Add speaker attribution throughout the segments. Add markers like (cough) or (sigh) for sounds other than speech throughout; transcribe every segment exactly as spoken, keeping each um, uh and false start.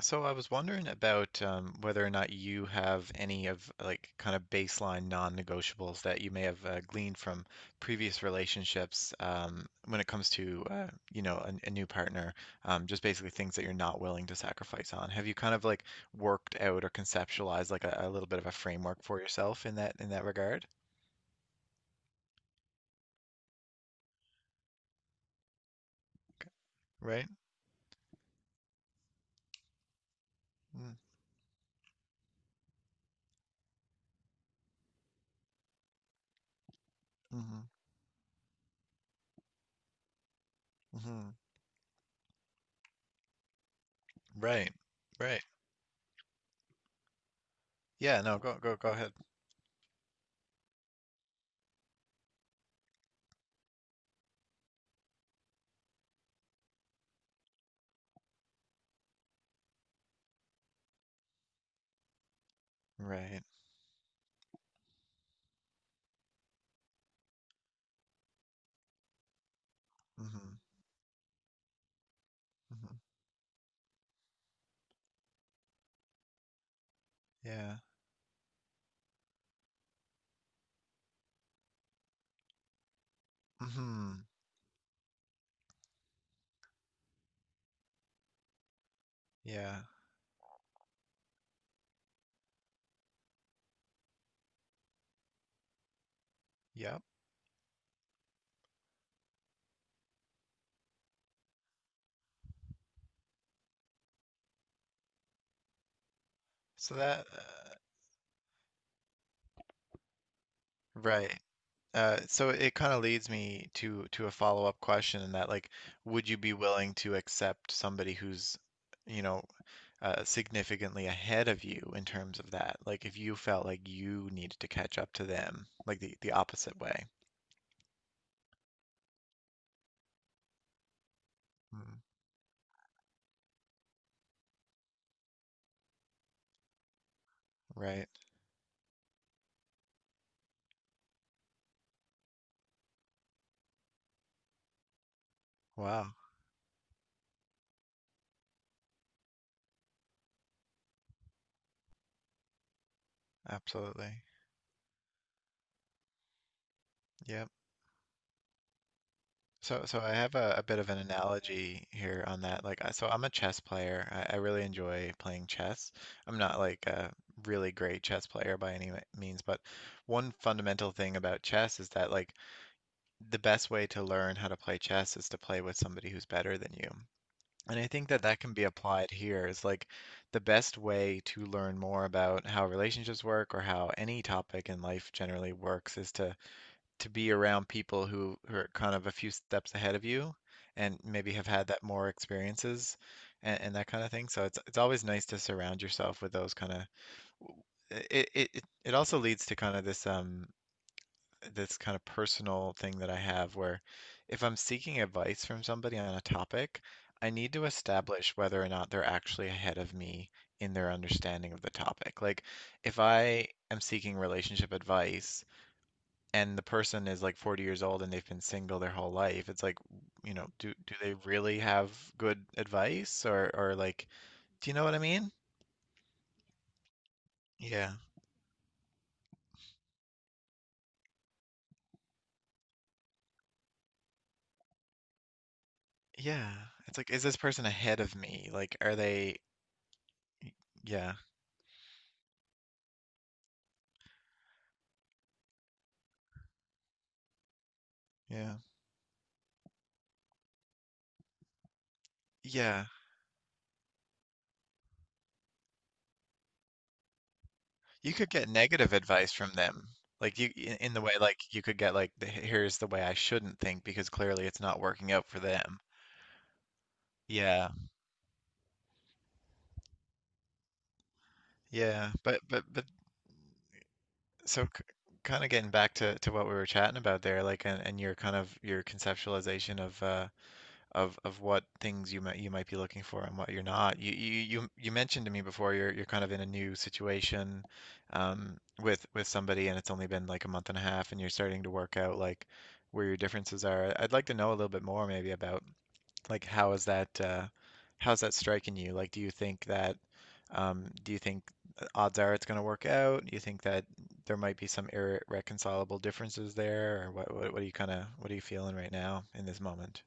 Speaker 1: So I was wondering about um, Whether or not you have any of like kind of baseline non-negotiables that you may have uh, gleaned from previous relationships um, when it comes to uh, you know a, a new partner, um, just basically things that you're not willing to sacrifice on. Have you kind of like worked out or conceptualized like a, a little bit of a framework for yourself in that in that regard? Right? Mm, Mm-hmm. hmm Right. Right. Yeah. No. Go. Go. Go ahead. Right. Mm-hmm. hmm Yeah. hmm Yeah. Yep. So that uh, right. Uh, so it kind of leads me to to a follow-up question in that, like, would you be willing to accept somebody who's, you know, uh, significantly ahead of you in terms of that? Like, if you felt like you needed to catch up to them, like the the opposite way. Mm, right. Wow. Absolutely. Yep. So, so I have a, a bit of an analogy here on that. Like, I- so I'm a chess player. I, I really enjoy playing chess. I'm not like a really great chess player by any me- means, but one fundamental thing about chess is that, like, the best way to learn how to play chess is to play with somebody who's better than you. And I think that that can be applied here: is, like, the best way to learn more about how relationships work or how any topic in life generally works is to to be around people who, who are kind of a few steps ahead of you and maybe have had that more experiences and, and that kind of thing. So it's it's always nice to surround yourself with those kind of it, it it it also leads to kind of this um this kind of personal thing that I have, where if I'm seeking advice from somebody on a topic, I need to establish whether or not they're actually ahead of me in their understanding of the topic. Like, if I am seeking relationship advice, and the person is like forty years old and they've been single their whole life, it's like, you know, do do they really have good advice, or or like, do you know what I mean? Yeah. Yeah. It's like, is this person ahead of me? Like, are they, yeah, yeah, yeah. You could get negative advice from them. Like, you in in the way, like, you could get like the, here's the way I shouldn't think because clearly it's not working out for them. Yeah. Yeah. But but but so, kind of getting back to, to what we were chatting about there, like, and, and your kind of your conceptualization of uh of of what things you might you might be looking for and what you're not. You you you you mentioned to me before you're you're kind of in a new situation, um, with with somebody, and it's only been like a month and a half, and you're starting to work out, like, where your differences are. I'd like to know a little bit more maybe about, like, how is that uh, how's that striking you? Like, do you think that um, do you think uh, odds are it's going to work out? Do you think that there might be some irreconcilable differences there, or what? What, what are you kind of what are you feeling right now in this moment?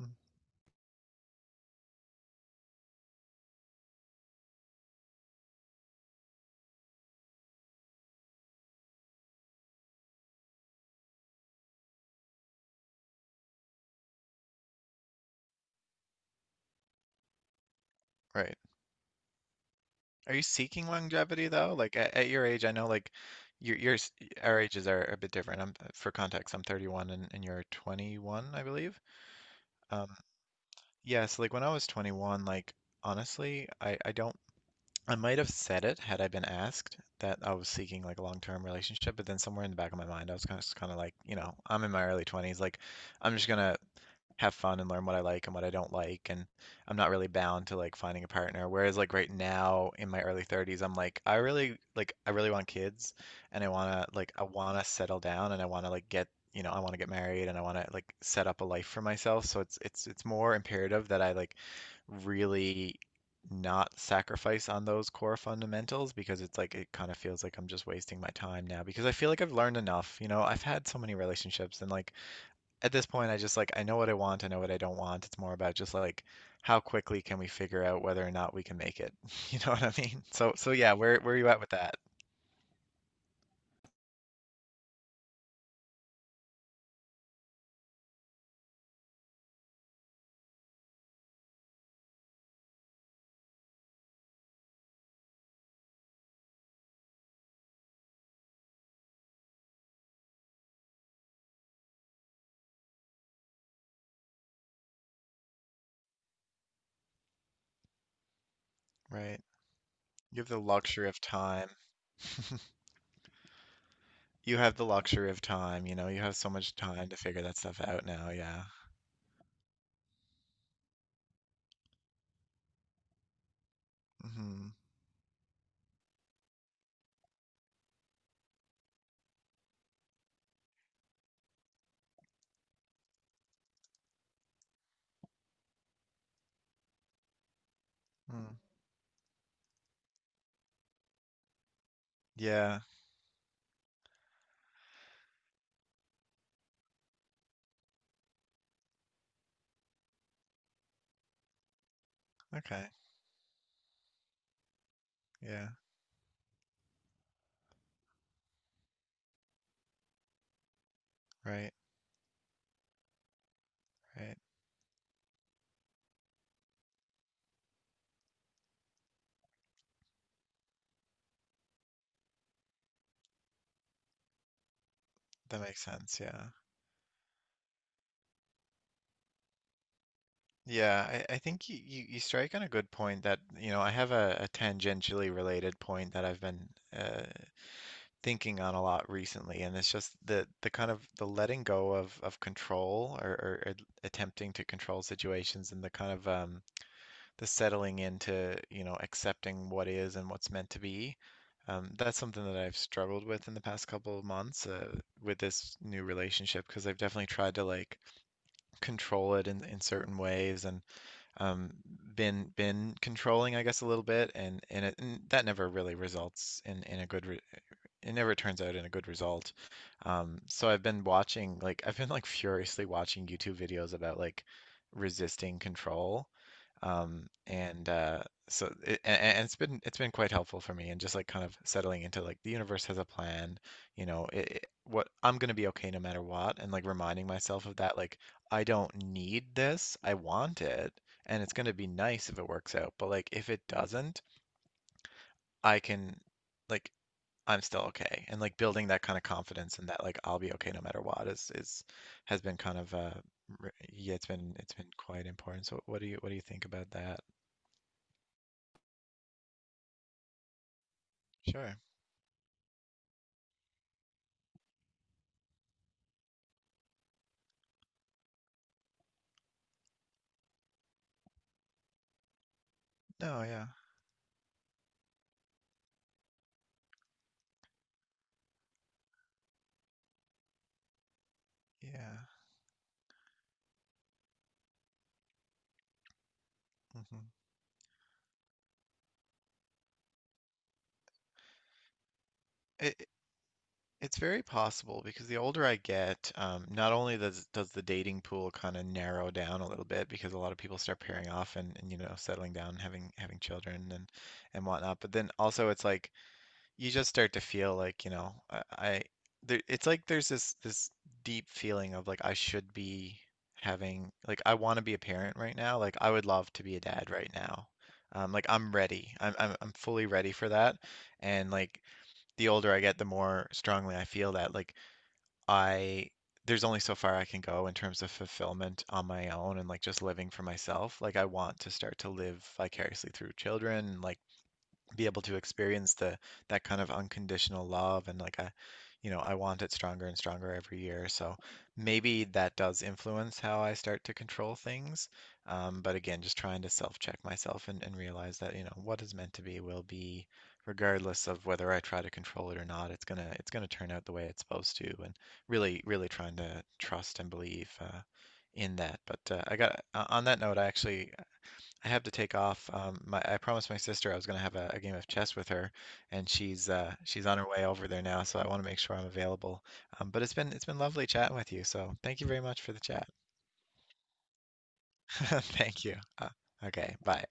Speaker 1: Mm. Right. Are you seeking longevity though? Like, at, at your age, I know, like, your your s- our ages are a bit different. I'm uh, for context, I'm thirty-one, and, and you're twenty-one, I believe. Um, yeah, so like when I was twenty-one, like honestly, I I don't I might have said, it had I been asked, that I was seeking like a long-term relationship, but then somewhere in the back of my mind, I was kind of, kind of like, you know, I'm in my early twenties, like I'm just gonna have fun and learn what I like and what I don't like, and I'm not really bound to like finding a partner. Whereas like right now in my early thirties, I'm like I really like I really want kids, and I want to like I want to settle down, and I want to like get, you know, I want to get married, and I want to like set up a life for myself. So it's it's it's more imperative that I like really not sacrifice on those core fundamentals, because it's like it kind of feels like I'm just wasting my time now because I feel like I've learned enough. You know, I've had so many relationships, and like at this point, I just like I know what I want, I know what I don't want. It's more about just like how quickly can we figure out whether or not we can make it. (laughs) You know what I mean? So so yeah, where where are you at with that? Right. You have the luxury of time. (laughs) You have the luxury of time, you know, you have so much time to figure that stuff out now, yeah. Mm-hmm. hmm Mm. Yeah. Okay. Yeah. Right. Right. That makes sense, yeah. Yeah, I, I think you, you, you strike on a good point that, you know, I have a, a tangentially related point that I've been uh, thinking on a lot recently, and it's just the the kind of the letting go of of control, or, or, or attempting to control situations, and the kind of um the settling into, you know, accepting what is and what's meant to be. Um, that's something that I've struggled with in the past couple of months uh, with this new relationship, because I've definitely tried to like control it in, in certain ways, and um, been been controlling, I guess, a little bit, and and, it, and that never really results in in a good re it never turns out in a good result. Um, so I've been watching, like I've been like furiously watching YouTube videos about like resisting control. Um, and uh, so it, and, and it's been it's been quite helpful for me, and just like kind of settling into like the universe has a plan, you know, it, it- what I'm gonna be okay no matter what, and like reminding myself of that, like I don't need this, I want it, and it's gonna be nice if it works out, but like if it doesn't, I can like I'm still okay. And like building that kind of confidence, and that like I'll be okay no matter what is is has been kind of uh re- yeah, it's been it's been quite important. So what do you what do you think about that? Sure. No, yeah. Yeah. hmm It it- it's very possible, because the older I get, um, not only does does the dating pool kind of narrow down a little bit because a lot of people start pairing off, and, and you know, settling down, and having having children and and whatnot, but then also it's like you just start to feel like, you know, I, I there, it's like there's this this deep feeling of like I should be having like I want to be a parent right now. Like I would love to be a dad right now. Um, like I'm ready. I'm, I'm I'm fully ready for that. And like the older I get, the more strongly I feel that like I there's only so far I can go in terms of fulfillment on my own, and like just living for myself. Like I want to start to live vicariously through children, like be able to experience the that kind of unconditional love, and like I you know I want it stronger and stronger every year, so maybe that does influence how I start to control things, um, but again, just trying to self-check myself, and, and realize that, you know, what is meant to be will be, regardless of whether I try to control it or not. It's gonna it's gonna turn out the way it's supposed to, and really really trying to trust and believe uh, in that. But uh, I got uh, on that note, I actually I have to take off. Um, my, I promised my sister I was going to have a, a game of chess with her, and she's uh, she's on her way over there now, so I want to make sure I'm available. Um, but it's been it's been lovely chatting with you. So thank you very much for the chat. (laughs) Thank you. Uh, okay, bye.